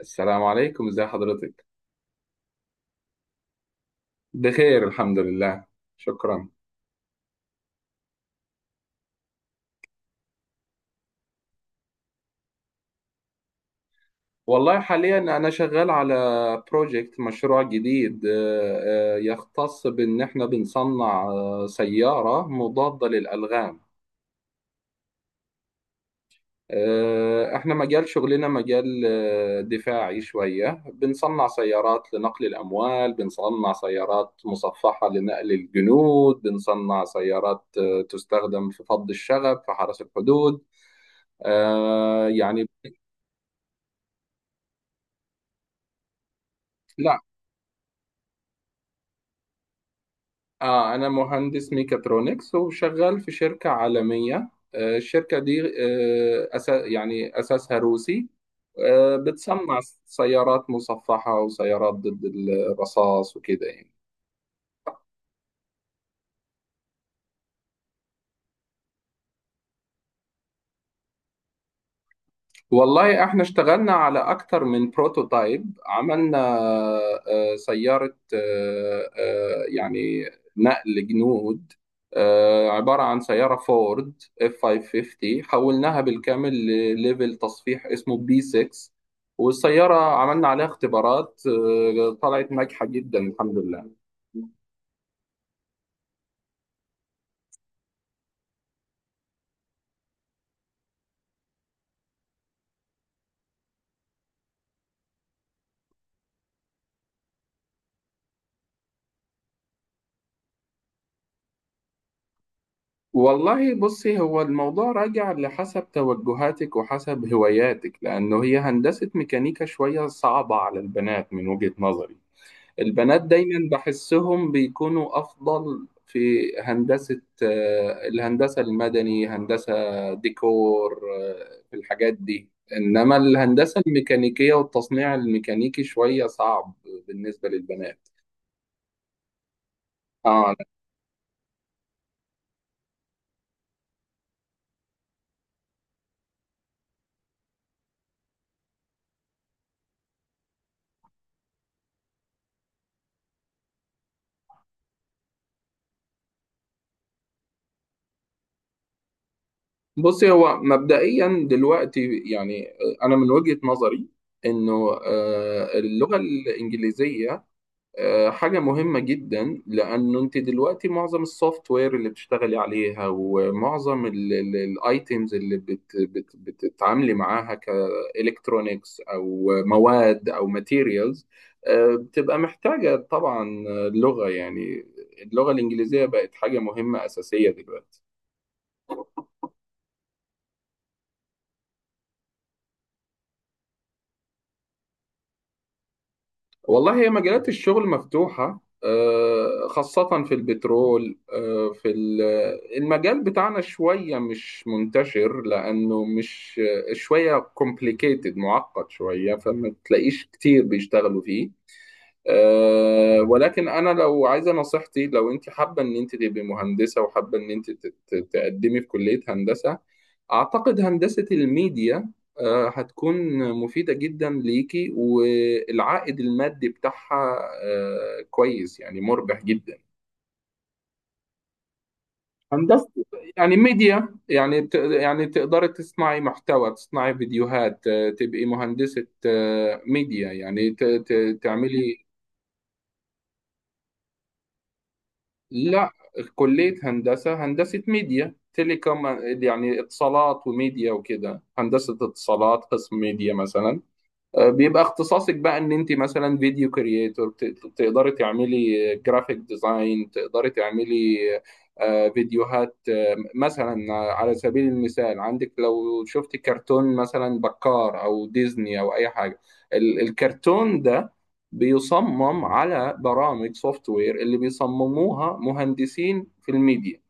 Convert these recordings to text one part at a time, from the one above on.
السلام عليكم، ازي حضرتك؟ بخير الحمد لله. شكرا. والله حاليا انا شغال على بروجكت مشروع جديد، يختص بان احنا بنصنع سيارة مضادة للألغام. احنا مجال شغلنا مجال دفاعي شوية، بنصنع سيارات لنقل الأموال، بنصنع سيارات مصفحة لنقل الجنود، بنصنع سيارات تستخدم في فض الشغب في حرس الحدود، يعني. لا. اه، انا مهندس ميكاترونكس وشغال في شركة عالمية. الشركة دي آه، أسا يعني اساسها روسي. بتصنع سيارات مصفحة وسيارات ضد الرصاص وكده يعني. والله احنا اشتغلنا على اكتر من بروتوتايب. عملنا سيارة يعني نقل جنود، عبارة عن سيارة فورد اف 550 حولناها بالكامل لليفل تصفيح اسمه بي 6. والسيارة عملنا عليها اختبارات، طلعت ناجحة جدا الحمد لله. والله بصي، هو الموضوع راجع لحسب توجهاتك وحسب هواياتك، لأنه هي هندسة ميكانيكا شوية صعبة على البنات من وجهة نظري. البنات دايما بحسهم بيكونوا أفضل في هندسة الهندسة المدني، هندسة ديكور، في الحاجات دي، إنما الهندسة الميكانيكية والتصنيع الميكانيكي شوية صعب بالنسبة للبنات. اه. بصي هو مبدئيا دلوقتي يعني، انا من وجهة نظري انه اللغة الانجليزية حاجة مهمة جدا، لانه انت دلوقتي معظم السوفت وير اللي بتشتغلي عليها ومعظم الايتيمز اللي بت بت بتتعاملي معاها كالكترونيكس او مواد او ماتيريالز، بتبقى محتاجة طبعا لغة يعني. اللغة الانجليزية بقت حاجة مهمة اساسية دلوقتي. والله هي مجالات الشغل مفتوحة، خاصة في البترول. المجال بتاعنا شوية مش منتشر، لأنه مش شوية complicated، معقد شوية، فما تلاقيش كتير بيشتغلوا فيه. أه، ولكن انا لو عايزه نصيحتي، لو انت حابه ان انت تبقي مهندسه وحابه ان انت تقدمي في كليه هندسه، اعتقد هندسه الميديا هتكون مفيده جدا ليكي، والعائد المادي بتاعها كويس يعني، مربح جدا. هندسه يعني ميديا، يعني يعني تقدري تصنعي محتوى، تصنعي فيديوهات، تبقي مهندسة ميديا، يعني تعملي. لا، كلية هندسة، هندسة ميديا تيليكوم، يعني اتصالات وميديا وكده، هندسة اتصالات قسم ميديا مثلا. بيبقى اختصاصك بقى ان انت مثلا فيديو كرييتور، تقدري تعملي جرافيك ديزاين، تقدري تعملي فيديوهات، مثلا على سبيل المثال، عندك لو شفت كرتون مثلا بكار او ديزني او اي حاجة، الكرتون ده بيصمم على برامج سوفت وير اللي بيصمموها مهندسين في الميديا.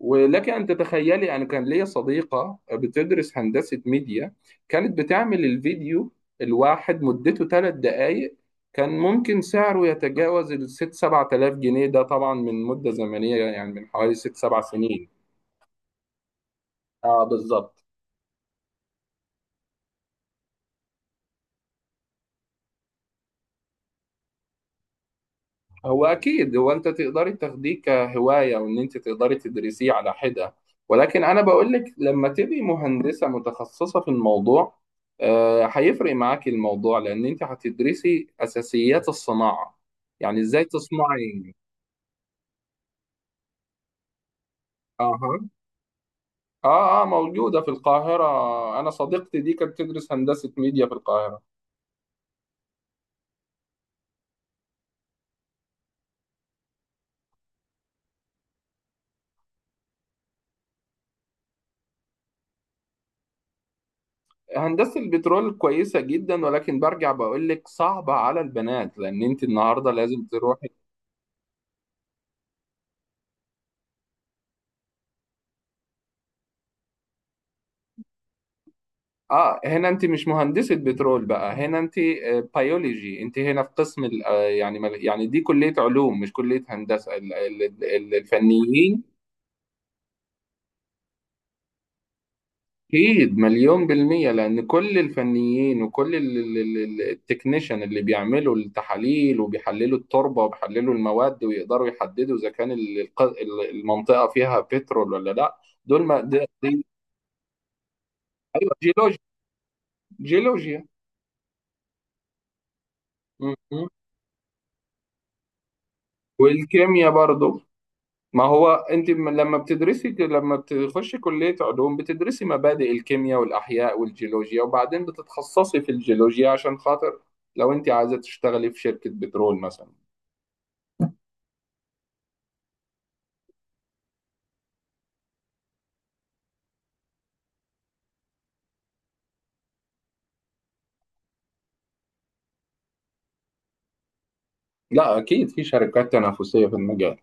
ولك أن تتخيلي، أنا كان ليا صديقة بتدرس هندسة ميديا، كانت بتعمل الفيديو الواحد مدته 3 دقايق، كان ممكن سعره يتجاوز 6 7 آلاف جنيه. ده طبعا من مدة زمنية، يعني من حوالي 6 7 سنين. اه بالظبط. هو اكيد، هو انت تقدري تاخديه كهوايه وان انت تقدري تدرسيه على حده، ولكن انا بقول لك لما تبقي مهندسه متخصصه في الموضوع، هيفرق معاكي الموضوع، لان انت هتدرسي اساسيات الصناعه، يعني ازاي تصنعي. اها. اه اه، موجوده في القاهره. انا صديقتي دي كانت تدرس هندسه ميديا في القاهره. هندسه البترول كويسه جدا، ولكن برجع بقول لك صعبه على البنات، لان انت النهارده لازم تروحي. اه، هنا انت مش مهندسة بترول بقى، هنا انت بيولوجي. انت هنا في قسم يعني يعني دي كلية علوم مش كلية هندسة الفنيين. اكيد 100%، لان كل الفنيين وكل التكنيشن اللي بيعملوا التحاليل وبيحللوا التربة وبيحللوا المواد ويقدروا يحددوا اذا كان المنطقة فيها بترول ولا لا. دول ما ايوه جيولوجيا. جيولوجيا. م- م. والكيمياء برضو. ما هو انت لما بتدرسي، لما بتخشي كلية علوم، بتدرسي مبادئ الكيمياء والأحياء والجيولوجيا، وبعدين بتتخصصي في الجيولوجيا عشان خاطر لو انت عايزة تشتغلي في شركة بترول مثلا. لا أكيد في شركات تنافسية في المجال.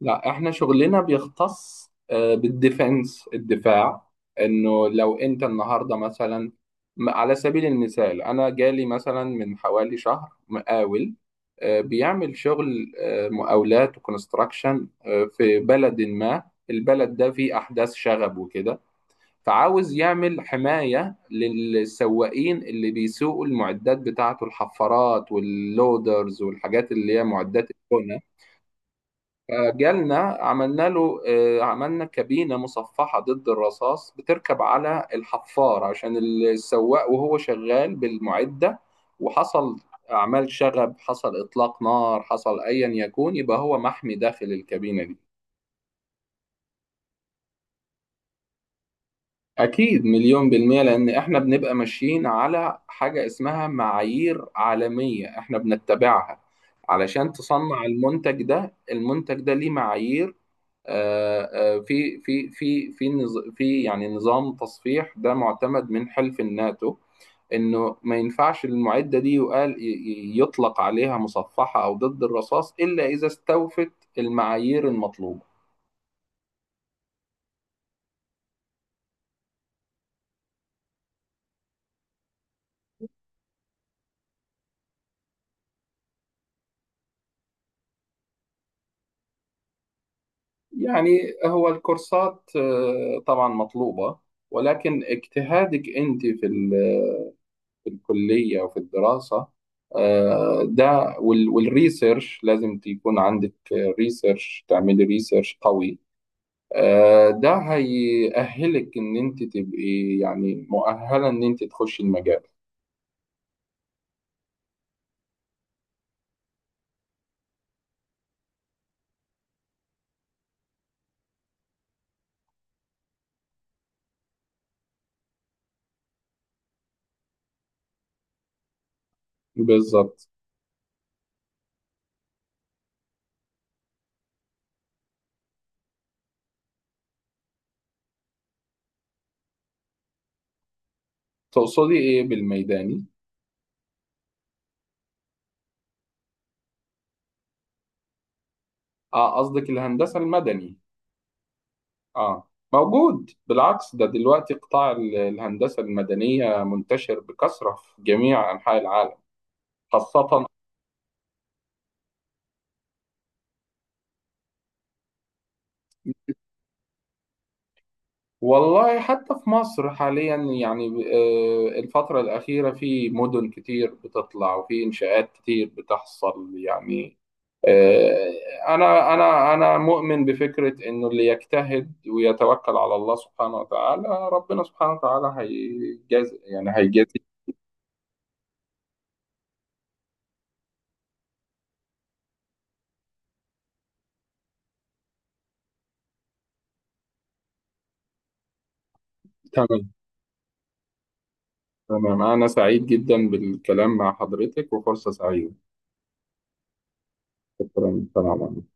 لا احنا شغلنا بيختص بالديفنس الدفاع. انه لو انت النهارده مثلا، على سبيل المثال انا جالي مثلا من حوالي شهر مقاول، بيعمل شغل مقاولات وكونستراكشن في بلد ما، البلد ده فيه احداث شغب وكده، فعاوز يعمل حماية للسواقين اللي بيسوقوا المعدات بتاعته، الحفارات واللودرز والحاجات اللي هي معدات البناء. فجالنا عملنا له، عملنا كابينة مصفحة ضد الرصاص بتركب على الحفار عشان السواق وهو شغال بالمعدة. وحصل أعمال شغب، حصل إطلاق نار، حصل أيا يكون، يبقى هو محمي داخل الكابينة دي. أكيد 100%، لأن إحنا بنبقى ماشيين على حاجة اسمها معايير عالمية إحنا بنتبعها علشان تصنع المنتج ده. المنتج ده ليه معايير. آه، في يعني نظام تصفيح ده معتمد من حلف الناتو، انه ما ينفعش المعده دي يقال يطلق عليها مصفحه او ضد الرصاص الا اذا استوفت المعايير المطلوبه. يعني هو الكورسات طبعا مطلوبه، ولكن اجتهادك انت في في الكليه وفي الدراسه، والريسيرش لازم تكون عندك، ريسيرش، تعملي ريسيرش قوي. ده هيأهلك إن أنت تبقي يعني مؤهلة إن أنت تخشي المجال. بالظبط. تقصدي إيه بالميداني؟ آه قصدك الهندسة المدني. آه موجود، بالعكس ده دلوقتي قطاع الهندسة المدنية منتشر بكثرة في جميع أنحاء العالم، خاصة. والله حتى في مصر حاليا يعني، الفترة الأخيرة في مدن كتير بتطلع وفي إنشاءات كتير بتحصل يعني. آه، أنا مؤمن بفكرة، إنه اللي يجتهد ويتوكل على الله سبحانه وتعالى، ربنا سبحانه وتعالى هيجازي، يعني هيجازي. تمام. تمام، أنا سعيد جدا بالكلام مع حضرتك وفرصة سعيدة. شكرا تمام.